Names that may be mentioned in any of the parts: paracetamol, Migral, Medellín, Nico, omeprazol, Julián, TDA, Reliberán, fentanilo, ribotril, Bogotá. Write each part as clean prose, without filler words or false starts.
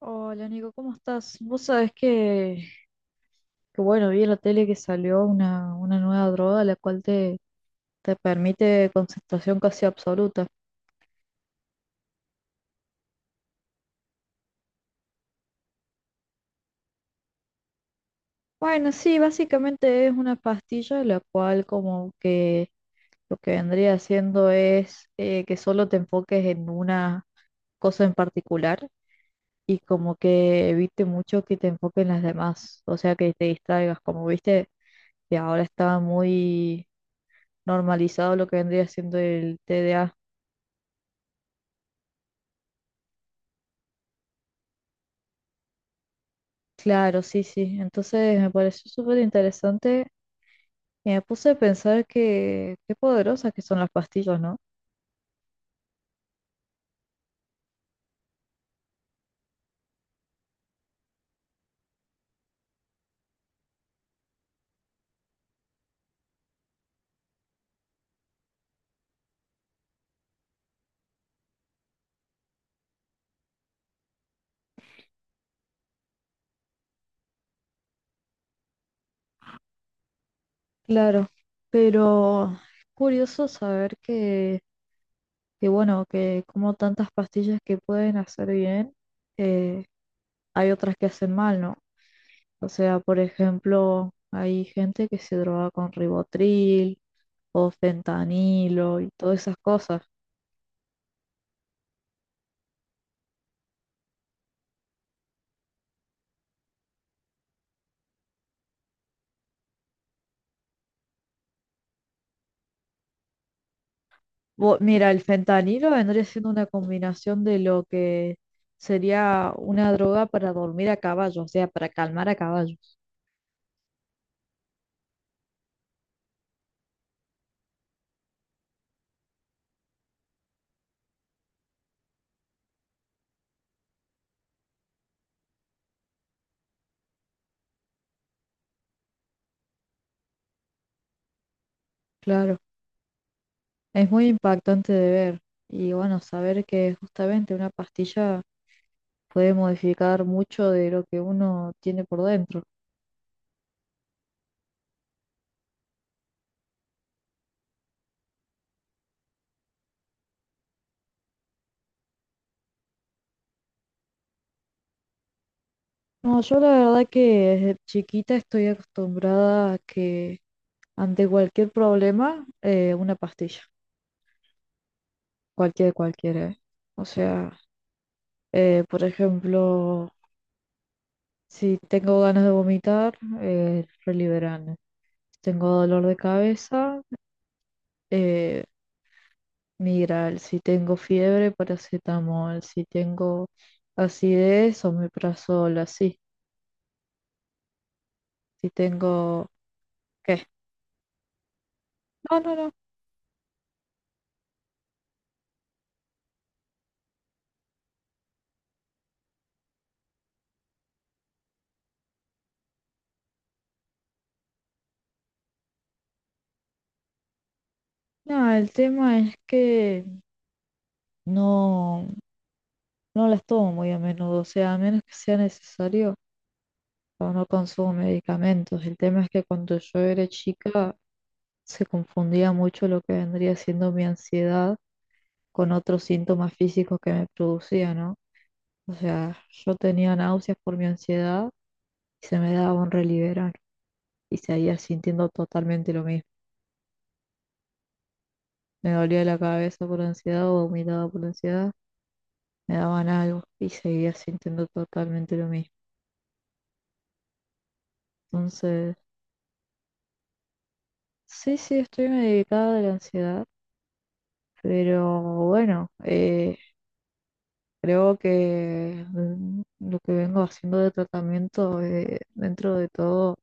Hola Nico, ¿cómo estás? Vos sabés que bueno, vi en la tele que salió una nueva droga la cual te permite concentración casi absoluta. Bueno, sí, básicamente es una pastilla la cual como que lo que vendría haciendo es que solo te enfoques en una cosa en particular y como que evite mucho que te enfoques en las demás, o sea que te distraigas, como viste que ahora estaba muy normalizado lo que vendría siendo el TDA. Claro, sí, sí. Entonces me pareció súper interesante y me puse a pensar que qué poderosas que son las pastillas, ¿no? Claro, pero es curioso saber que bueno, que como tantas pastillas que pueden hacer bien, eh, hay otras que hacen mal, ¿no? O sea, por ejemplo, hay gente que se droga con ribotril o fentanilo y todas esas cosas. Mira, el fentanilo vendría siendo una combinación de lo que sería una droga para dormir a caballo, o sea, para calmar a caballos. Claro, es muy impactante de ver y bueno, saber que justamente una pastilla puede modificar mucho de lo que uno tiene por dentro. No, yo la verdad que desde chiquita estoy acostumbrada a que ante cualquier problema, una pastilla, cualquiera. ¿Eh? O sea, por ejemplo... Si tengo ganas de vomitar, Reliberán. Si tengo dolor de cabeza, eh, Migral. Si tengo fiebre, paracetamol. Si tengo acidez, omeprazol, así. Si tengo... ¿Qué? No, no, no. No, el tema es que no, no las tomo muy a menudo. O sea, a menos que sea necesario, o no consumo medicamentos. El tema es que cuando yo era chica se confundía mucho lo que vendría siendo mi ansiedad con otros síntomas físicos que me producía, ¿no? O sea, yo tenía náuseas por mi ansiedad y se me daba un Reliberan y seguía sintiendo totalmente lo mismo. Me dolía la cabeza por ansiedad o vomitaba por ansiedad, me daban algo y seguía sintiendo totalmente lo mismo. Entonces, sí, sí, estoy medicada de la ansiedad, pero bueno, creo que lo que vengo haciendo de tratamiento, dentro de todo,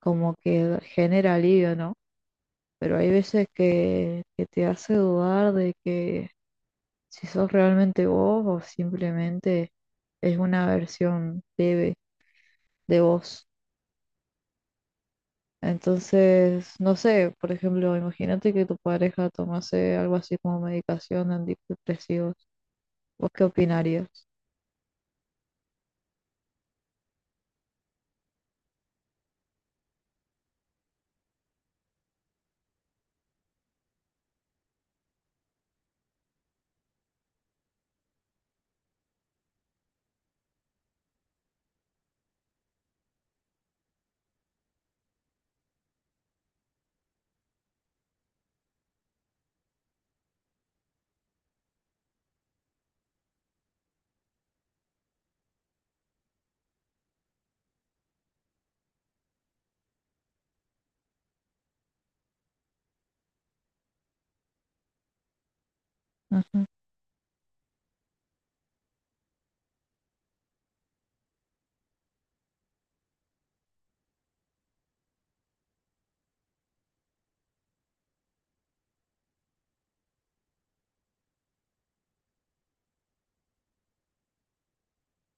como que genera alivio, ¿no? Pero hay veces que te hace dudar de que si sos realmente vos o simplemente es una versión leve de vos. Entonces, no sé, por ejemplo, imagínate que tu pareja tomase algo así como medicación antidepresivos. ¿Vos qué opinarías? Ujú,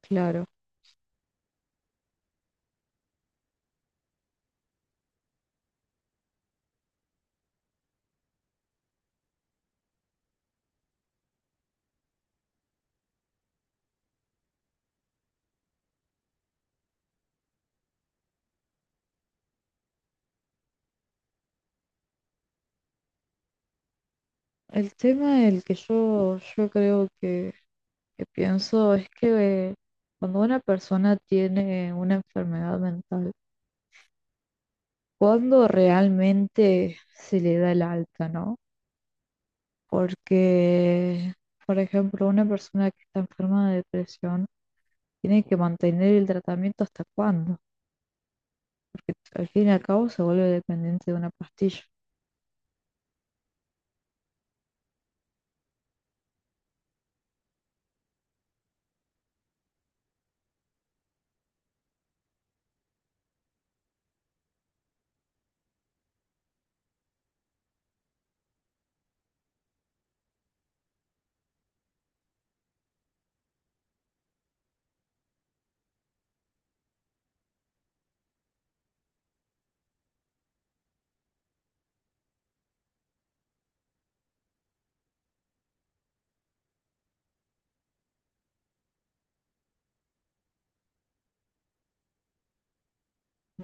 claro. El tema el que yo creo que pienso es que cuando una persona tiene una enfermedad mental, cuando realmente se le da el alta, ¿no? Porque, por ejemplo, una persona que está enferma de depresión tiene que mantener el tratamiento hasta cuándo, porque al fin y al cabo se vuelve dependiente de una pastilla.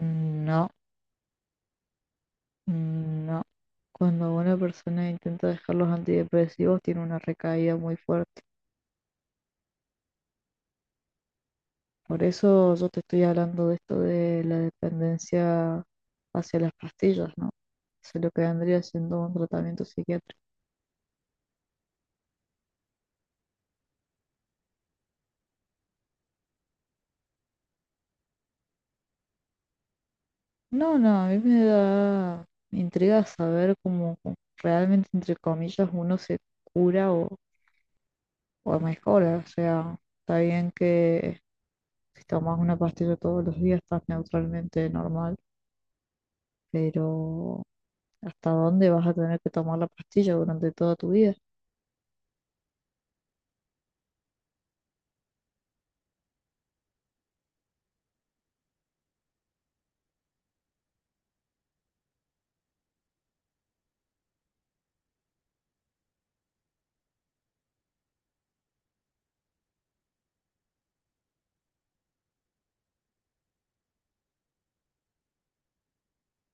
No. No, cuando una persona intenta dejar los antidepresivos tiene una recaída muy fuerte. Por eso yo te estoy hablando de esto de la dependencia hacia las pastillas, ¿no? Eso es lo que vendría siendo un tratamiento psiquiátrico. No, no, a mí me da intriga saber cómo realmente, entre comillas, uno se cura o mejora. O sea, está bien que si tomas una pastilla todos los días estás neutralmente normal, pero hasta dónde vas a tener que tomar la pastilla durante toda tu vida.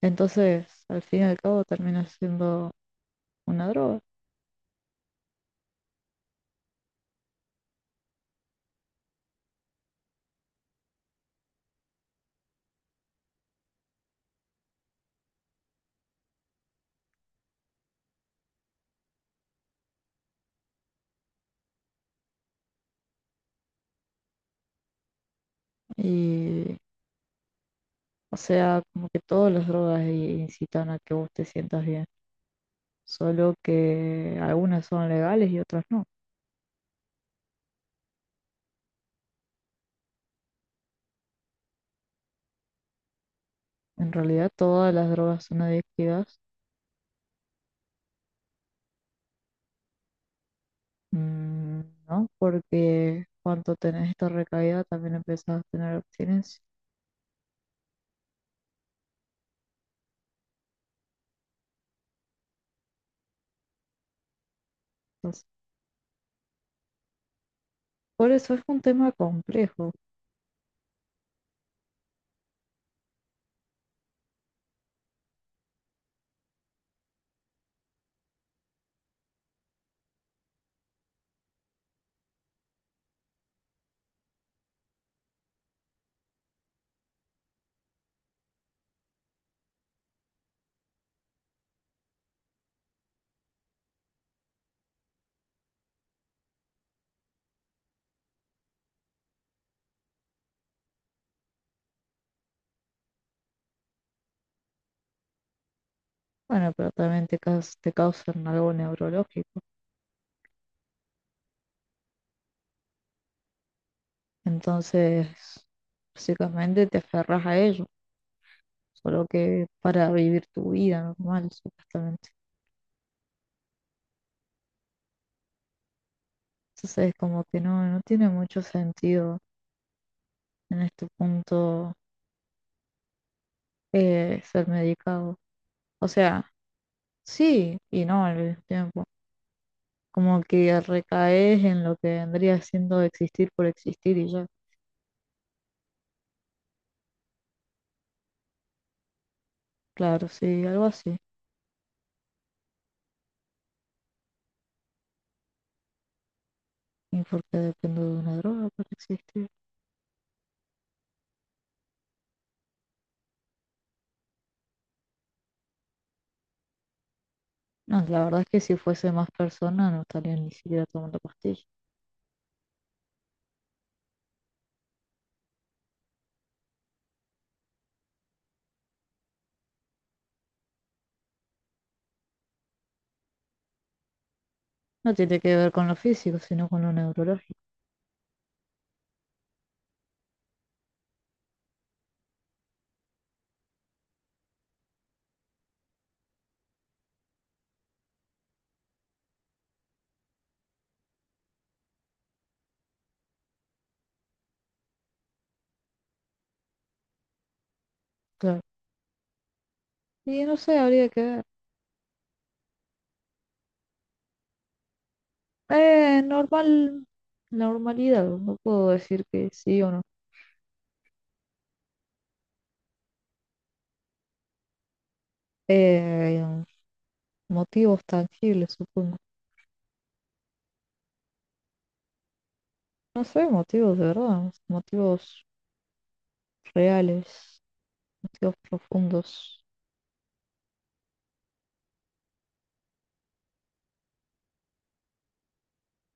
Entonces, al fin y al cabo, termina siendo una droga. Y, o sea, como que todas las drogas incitan a que vos te sientas bien, solo que algunas son legales y otras no. En realidad, todas las drogas son adictivas, mm, ¿no? Porque cuando tenés esta recaída, también empezás a tener abstinencia. Entonces, por eso es un tema complejo. Bueno, pero también te causan algo neurológico. Entonces, básicamente te aferras a ello, solo que para vivir tu vida normal, supuestamente. Entonces, como que no, no tiene mucho sentido en este punto ser medicado. O sea, sí y no al mismo tiempo. Como que recaes en lo que vendría siendo existir por existir y ya. Claro, sí, algo así. ¿Y por qué dependo de una droga para existir? No, la verdad es que si fuese más persona no estaría ni siquiera tomando pastillas. No tiene que ver con lo físico, sino con lo neurológico, claro. Y no sé, habría que ver. Normal, normalidad, no puedo decir que sí o no. Eh, motivos tangibles, supongo. No sé, motivos de verdad, motivos reales, motivos profundos.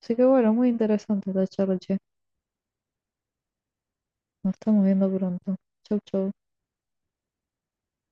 Así que bueno, muy interesante esta charla, che. Nos estamos viendo pronto. Chau, chau.